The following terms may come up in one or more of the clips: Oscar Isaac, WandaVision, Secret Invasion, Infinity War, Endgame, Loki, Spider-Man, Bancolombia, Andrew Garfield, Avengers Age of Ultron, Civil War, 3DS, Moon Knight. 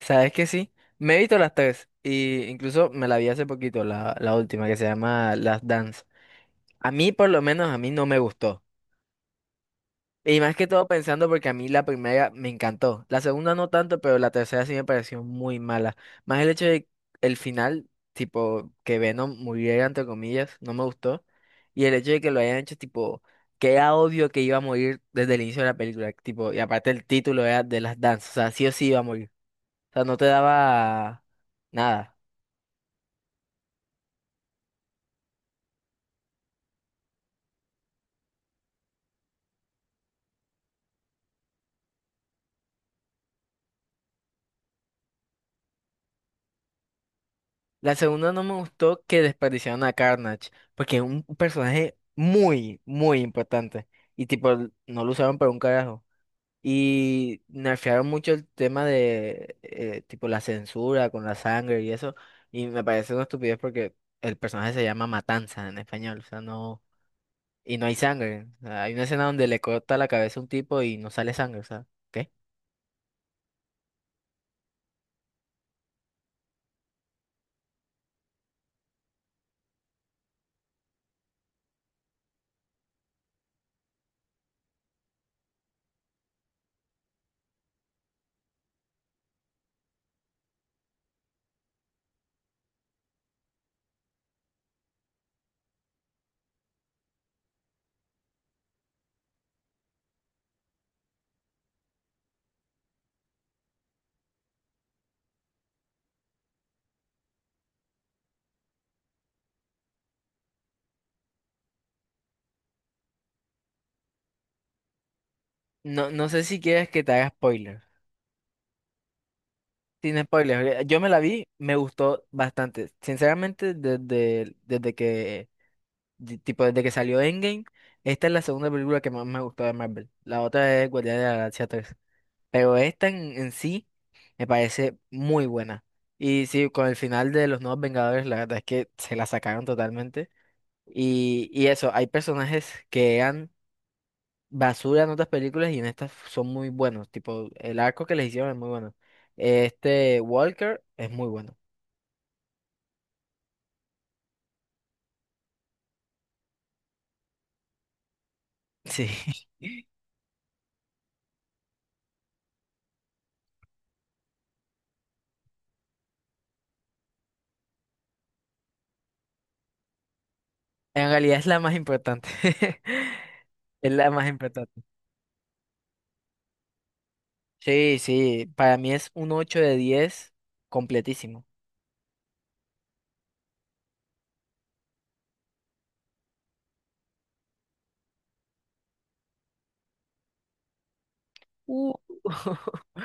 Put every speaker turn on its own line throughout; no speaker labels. ¿Sabes que sí? Me he visto las tres y incluso me la vi hace poquito, la última que se llama Las Dance. A mí por lo menos a mí no me gustó. Y más que todo pensando porque a mí la primera me encantó. La segunda no tanto, pero la tercera sí me pareció muy mala. Más el hecho de el final, tipo, que Venom muriera entre comillas, no me gustó. Y el hecho de que lo hayan hecho tipo, que era obvio que iba a morir desde el inicio de la película. Tipo, y aparte el título era de Las Dance. O sea, sí o sí iba a morir. O sea, no te daba nada. La segunda no me gustó que desperdiciaron a Carnage, porque es un personaje muy, muy importante. Y tipo, no lo usaron para un carajo. Y nerfearon mucho el tema de, tipo, la censura con la sangre y eso. Y me parece una estupidez porque el personaje se llama Matanza en español. O sea, no. Y no hay sangre. O sea, hay una escena donde le corta la cabeza a un tipo y no sale sangre. O sea, ¿qué? No, no sé si quieres que te haga spoiler. Sin spoilers, yo me la vi, me gustó bastante. Sinceramente, desde que salió Endgame, esta es la segunda película que más me gustó de Marvel. La otra es Guardianes de la Galaxia tres. Pero esta en sí me parece muy buena. Y sí, con el final de Los Nuevos Vengadores, la verdad es que se la sacaron totalmente. Y eso, hay personajes que eran basura en otras películas y en estas son muy buenos. Tipo, el arco que les hicieron es muy bueno. Este Walker es muy bueno. Sí, en realidad es la más importante. Es la más importante. Sí, sí, para mí es un 8/10, completísimo. Uh.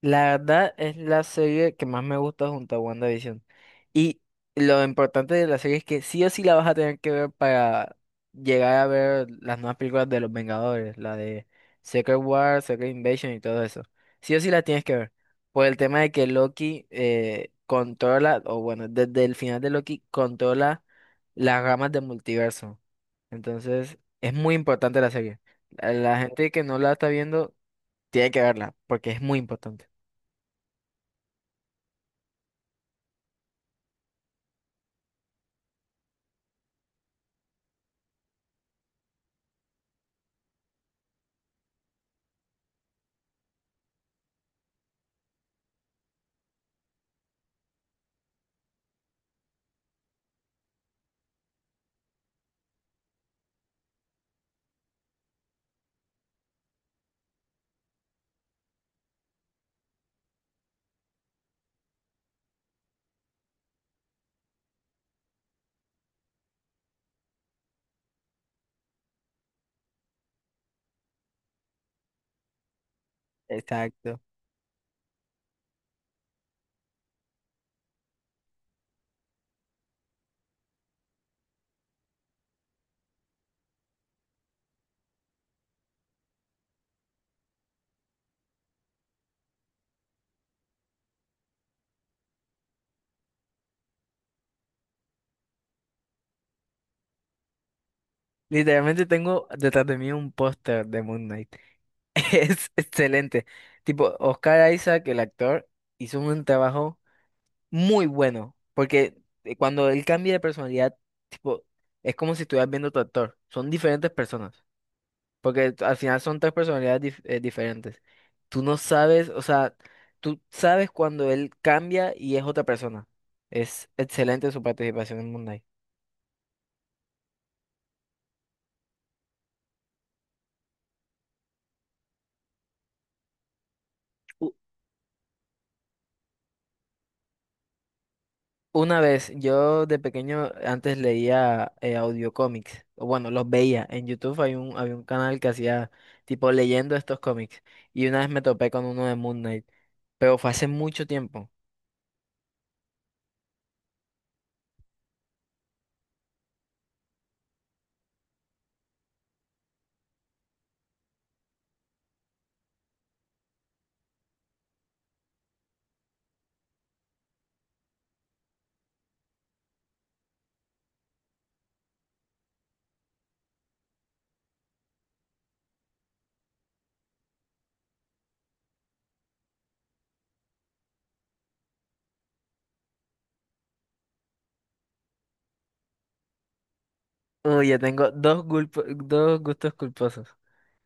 La verdad es la serie que más me gusta junto a WandaVision. Y lo importante de la serie es que sí o sí la vas a tener que ver para llegar a ver las nuevas películas de los Vengadores, la de Secret War, Secret Invasion y todo eso. Sí o sí la tienes que ver. Por el tema de que Loki controla, o bueno, desde el final de Loki controla las ramas del multiverso. Entonces, es muy importante la serie. A la gente que no la está viendo tiene que verla, porque es muy importante. Exacto. Literalmente tengo detrás de mí un póster de Moon Knight. Es excelente. Tipo, Oscar Isaac, el actor, hizo un trabajo muy bueno, porque cuando él cambia de personalidad, tipo, es como si estuvieras viendo otro actor. Son diferentes personas, porque al final son tres personalidades diferentes. Tú no sabes, o sea, tú sabes cuando él cambia y es otra persona. Es excelente su participación en Moon Knight. Una vez, yo de pequeño antes leía audiocómics, o bueno, los veía. En YouTube hay un, había un canal que hacía tipo leyendo estos cómics. Y una vez me topé con uno de Moon Knight, pero fue hace mucho tiempo. Uy, ya tengo dos gustos culposos.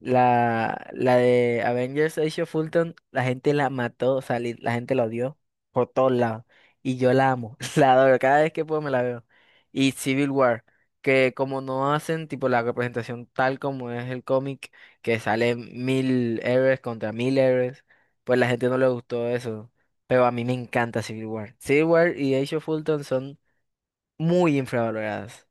La de Avengers Age of Ultron, la gente la mató, o sea, la gente la odió por todos lados. Y yo la amo, la adoro, cada vez que puedo me la veo. Y Civil War, que como no hacen tipo la representación tal como es el cómic, que salen 1000 héroes contra 1000 héroes, pues la gente no le gustó eso. Pero a mí me encanta Civil War. Civil War y Age of Ultron son muy infravaloradas.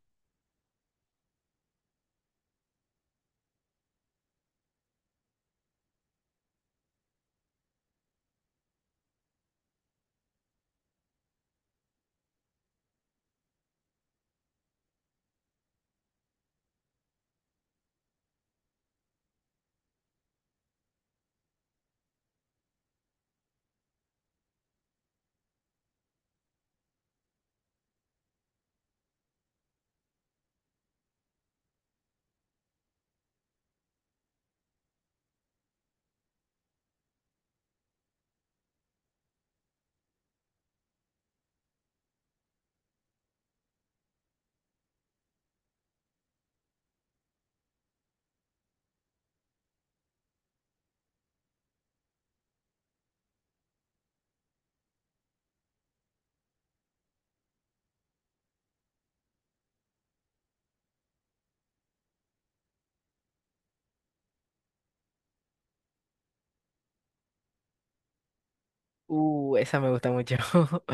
Esa me gusta mucho.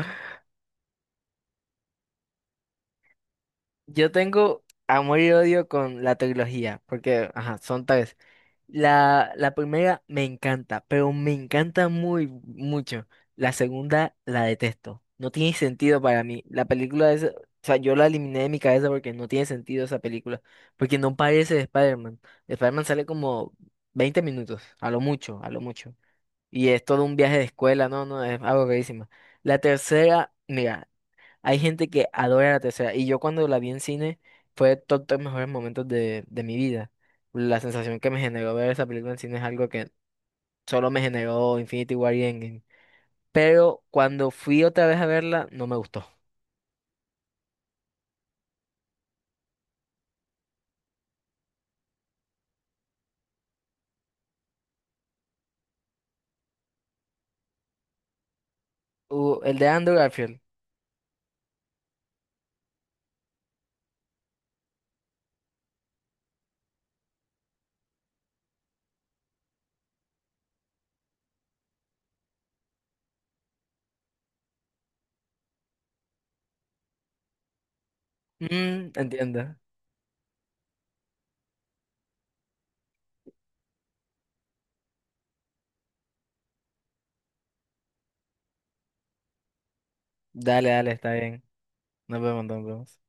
Yo tengo amor y odio con la trilogía, porque, ajá, son tres. La primera me encanta, pero me encanta muy mucho. La segunda la detesto. No tiene sentido para mí. La película es, o sea, yo la eliminé de mi cabeza porque no tiene sentido esa película, porque no parece de Spider-Man. De Spider-Man sale como 20 minutos, a lo mucho, a lo mucho. Y es todo un viaje de escuela, no, no, es algo rarísimo. La tercera, mira. Hay gente que adora la tercera. Y yo cuando la vi en cine fue todos los mejores momentos de mi vida. La sensación que me generó ver esa película en cine es algo que solo me generó Infinity War y Endgame. Pero cuando fui otra vez a verla, no me gustó. El de Andrew Garfield. Entiendo. Dale, dale, está bien. Nos vemos, nos vemos.